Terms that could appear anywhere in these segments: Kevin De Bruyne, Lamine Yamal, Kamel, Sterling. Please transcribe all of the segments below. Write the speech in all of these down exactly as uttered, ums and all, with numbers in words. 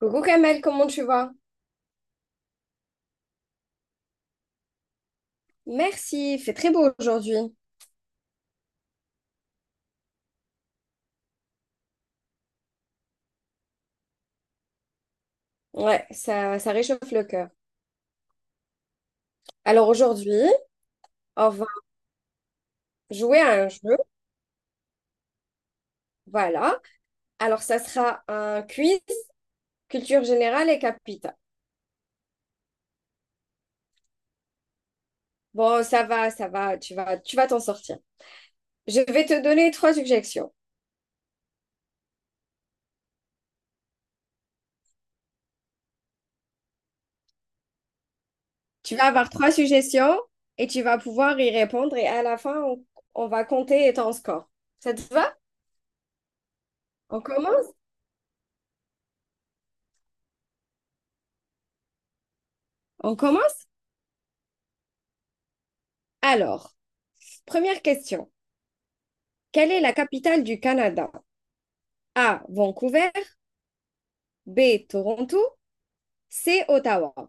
Coucou Kamel, comment tu vas? Merci, il fait très beau aujourd'hui. Ouais, ça, ça réchauffe le cœur. Alors aujourd'hui, on va jouer à un jeu. Voilà. Alors ça sera un quiz culture générale et capitale. Bon, ça va, ça va, tu vas, tu vas t'en sortir. Je vais te donner trois suggestions. Tu vas avoir trois suggestions et tu vas pouvoir y répondre et à la fin, on, on va compter ton score. Ça te va? On commence? On commence? Alors, première question. Quelle est la capitale du Canada? A, Vancouver. B, Toronto. C, Ottawa.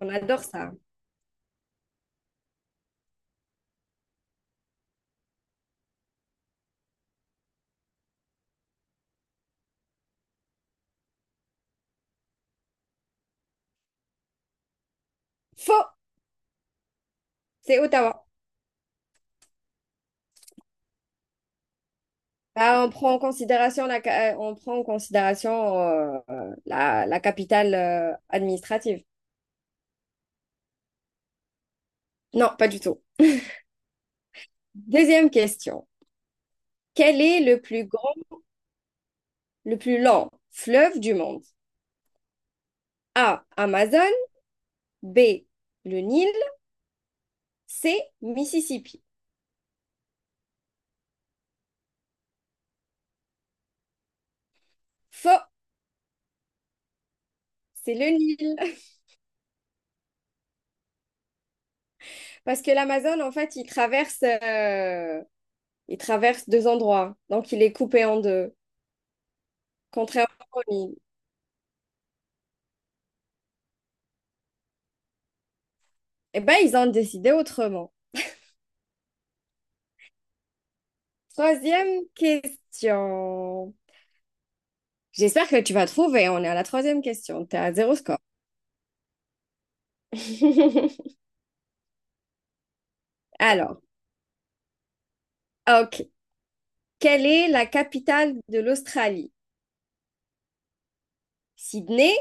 On adore ça. Faux, c'est Ottawa. Bah, on prend en considération la, ca- euh, on prend en considération euh, euh, la, la capitale euh, administrative. Non, pas du tout. Deuxième question. Quel est le plus grand, le plus long fleuve du monde? A, Amazon. B, le Nil. C, Mississippi. Faux, c'est le Nil. Parce que l'Amazon, en fait, il traverse euh, Il traverse deux endroits, donc il est coupé en deux, contrairement aux mines. Eh ben, ils ont décidé autrement. Troisième question. J'espère que tu vas trouver. On est à la troisième question. T'es à zéro score. Alors, ok. Quelle est la capitale de l'Australie? Sydney,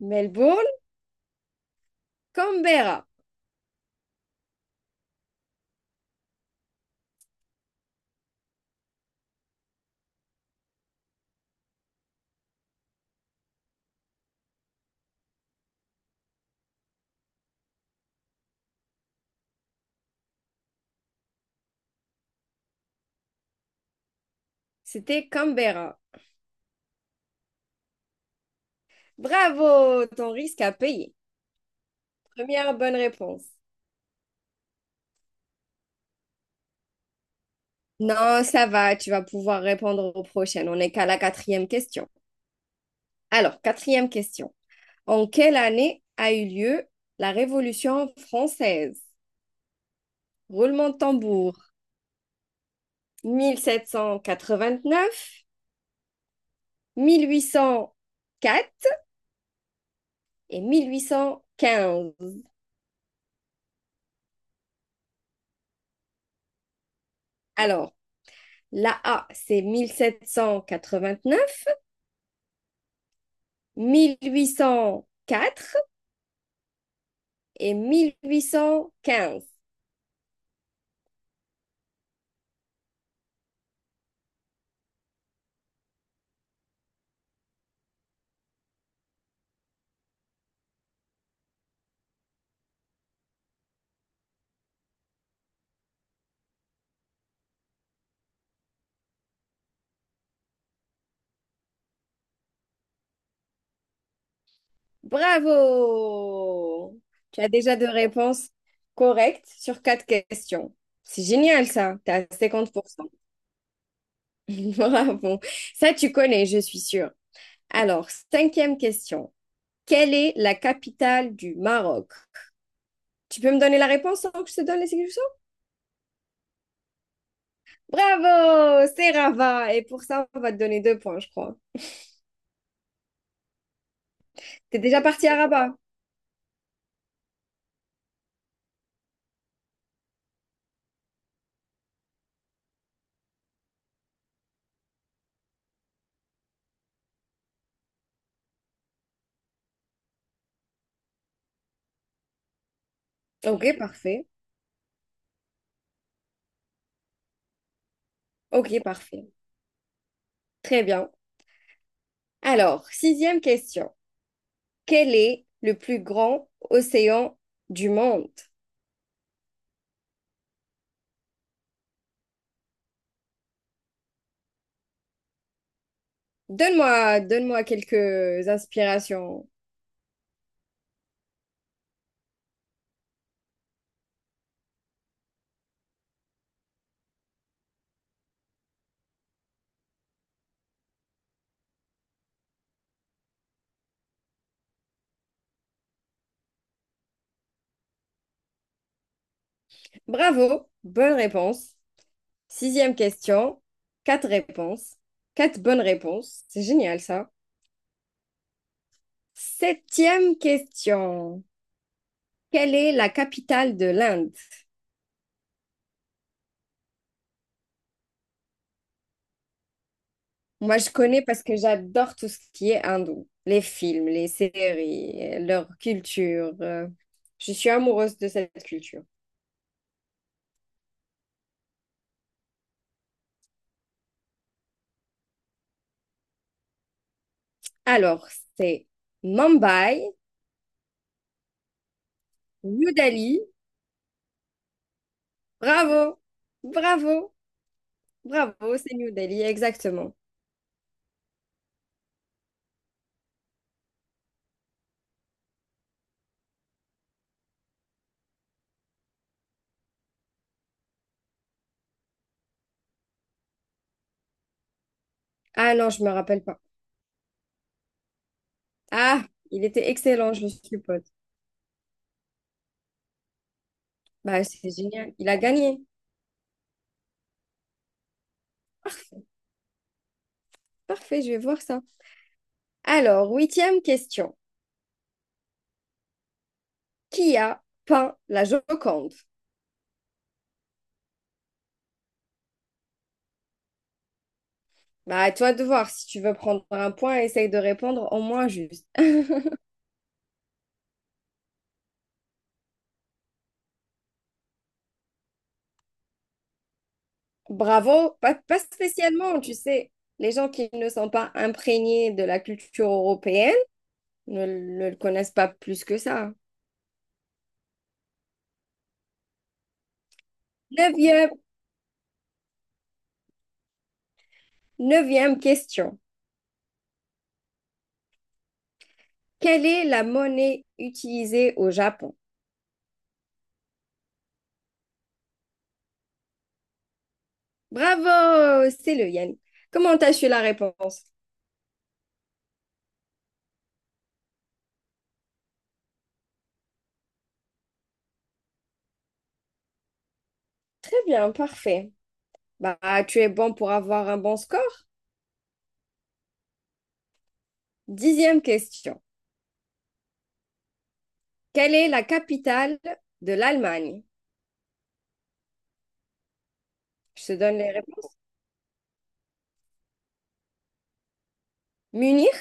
Melbourne, Canberra. C'était Canberra. Bravo, ton risque à payer. Première bonne réponse. Non, ça va, tu vas pouvoir répondre aux prochaines. On n'est qu'à la quatrième question. Alors, quatrième question. En quelle année a eu lieu la Révolution française? Roulement de tambour. mille sept cent quatre-vingt-neuf, mille huit cent quatre et mille huit cent quinze. Alors, la A, c'est mille sept cent quatre-vingt-neuf, mille huit cent quatre et mille huit cent quinze. Bravo! Tu as déjà deux réponses correctes sur quatre questions. C'est génial ça, tu as cinquante pour cent. Bravo. Ça, tu connais, je suis sûre. Alors, cinquième question. Quelle est la capitale du Maroc? Tu peux me donner la réponse sans que je te donne les solutions? Bravo, c'est Rabat. Et pour ça, on va te donner deux points, je crois. T'es déjà parti à Rabat? Ok, parfait. Ok, parfait. Très bien. Alors, sixième question. Quel est le plus grand océan du monde? Donne-moi, donne-moi quelques inspirations. Bravo, bonne réponse. Sixième question, quatre réponses, quatre bonnes réponses. C'est génial ça. Septième question, quelle est la capitale de l'Inde? Moi, je connais parce que j'adore tout ce qui est hindou, les films, les séries, euh, leur culture. euh, Je suis amoureuse de cette culture. Alors, c'est Mumbai, New Delhi. Bravo, bravo. Bravo, c'est New Delhi, exactement. Ah non, je me rappelle pas. Ah, il était excellent, je le suppose. Bah, c'est génial. Il a gagné. Parfait, je vais voir ça. Alors, huitième question. Qui a peint la Joconde? Bah, à toi de voir. Si tu veux prendre un point, essaye de répondre au moins juste. Bravo, pas, pas spécialement, tu sais. Les gens qui ne sont pas imprégnés de la culture européenne ne, ne le connaissent pas plus que ça. Neuvième, neuvième question. Quelle est la monnaie utilisée au Japon? Bravo, c'est le yen. Comment t'as su la réponse? Très bien, parfait. Bah, tu es bon pour avoir un bon score. Dixième question. Quelle est la capitale de l'Allemagne? Je te donne les réponses. Munich,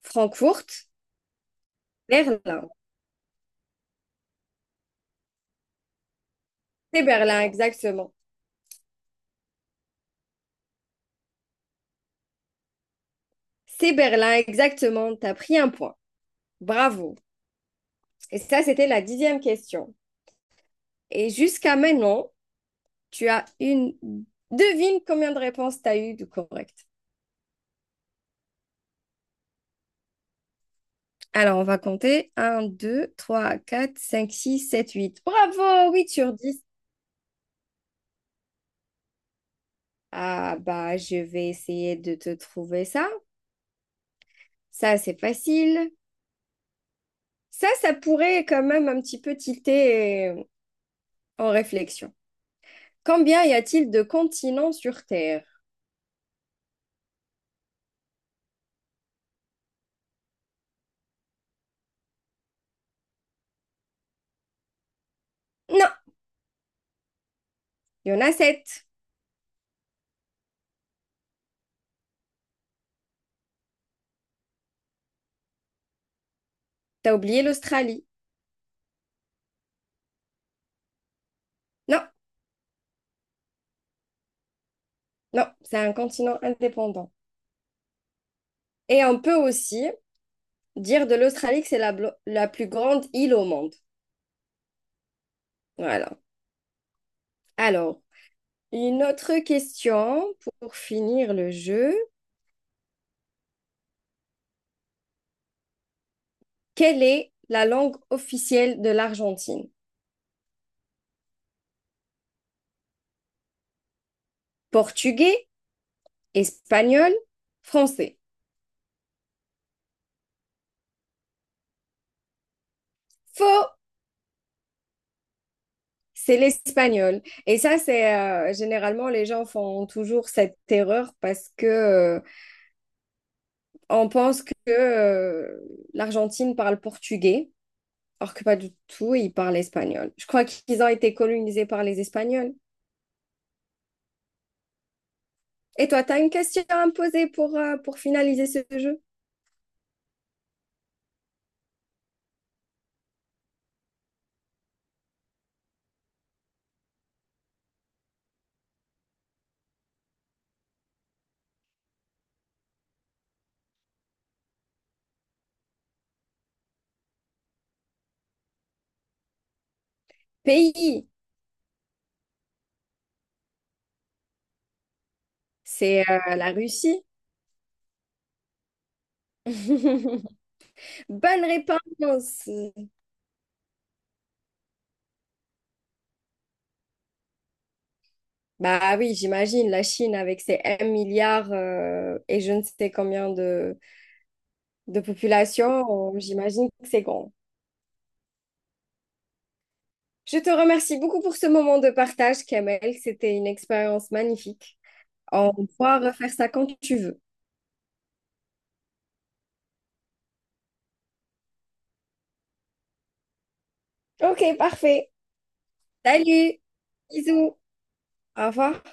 Francfort, Berlin. C'est Berlin, exactement. C'est Berlin, exactement. T'as pris un point. Bravo. Et ça, c'était la dixième question. Et jusqu'à maintenant, Tu as une... Devine combien de réponses tu as eu de correct. Alors, on va compter. Un, deux, trois, quatre, cinq, six, sept, huit. Bravo, huit sur dix. Ah, bah, je vais essayer de te trouver ça. Ça, c'est facile. Ça, ça pourrait quand même un petit peu tilter euh, en réflexion. Combien y a-t-il de continents sur Terre? Non, il y en a sept. T'as oublié l'Australie. Non, non, c'est un continent indépendant. Et on peut aussi dire de l'Australie que c'est la, blo- la plus grande île au monde. Voilà. Alors, une autre question pour finir le jeu. Quelle est la langue officielle de l'Argentine? Portugais, espagnol, français. Faux, c'est l'espagnol. Et ça, c'est euh, généralement les gens font toujours cette erreur parce que euh, on pense que euh, l'Argentine parle portugais, alors que pas du tout, ils parlent espagnol. Je crois qu'ils ont été colonisés par les Espagnols. Et toi, tu as une question à me poser pour, euh, pour finaliser ce jeu? Pays, c'est euh, la Russie. Bonne réponse. Bah oui, j'imagine la Chine avec ses un milliard euh, et je ne sais combien de, de population, euh, j'imagine que c'est grand. Je te remercie beaucoup pour ce moment de partage, Kamel. C'était une expérience magnifique. On pourra refaire ça quand tu veux. Ok, parfait. Salut! Bisous! Au revoir!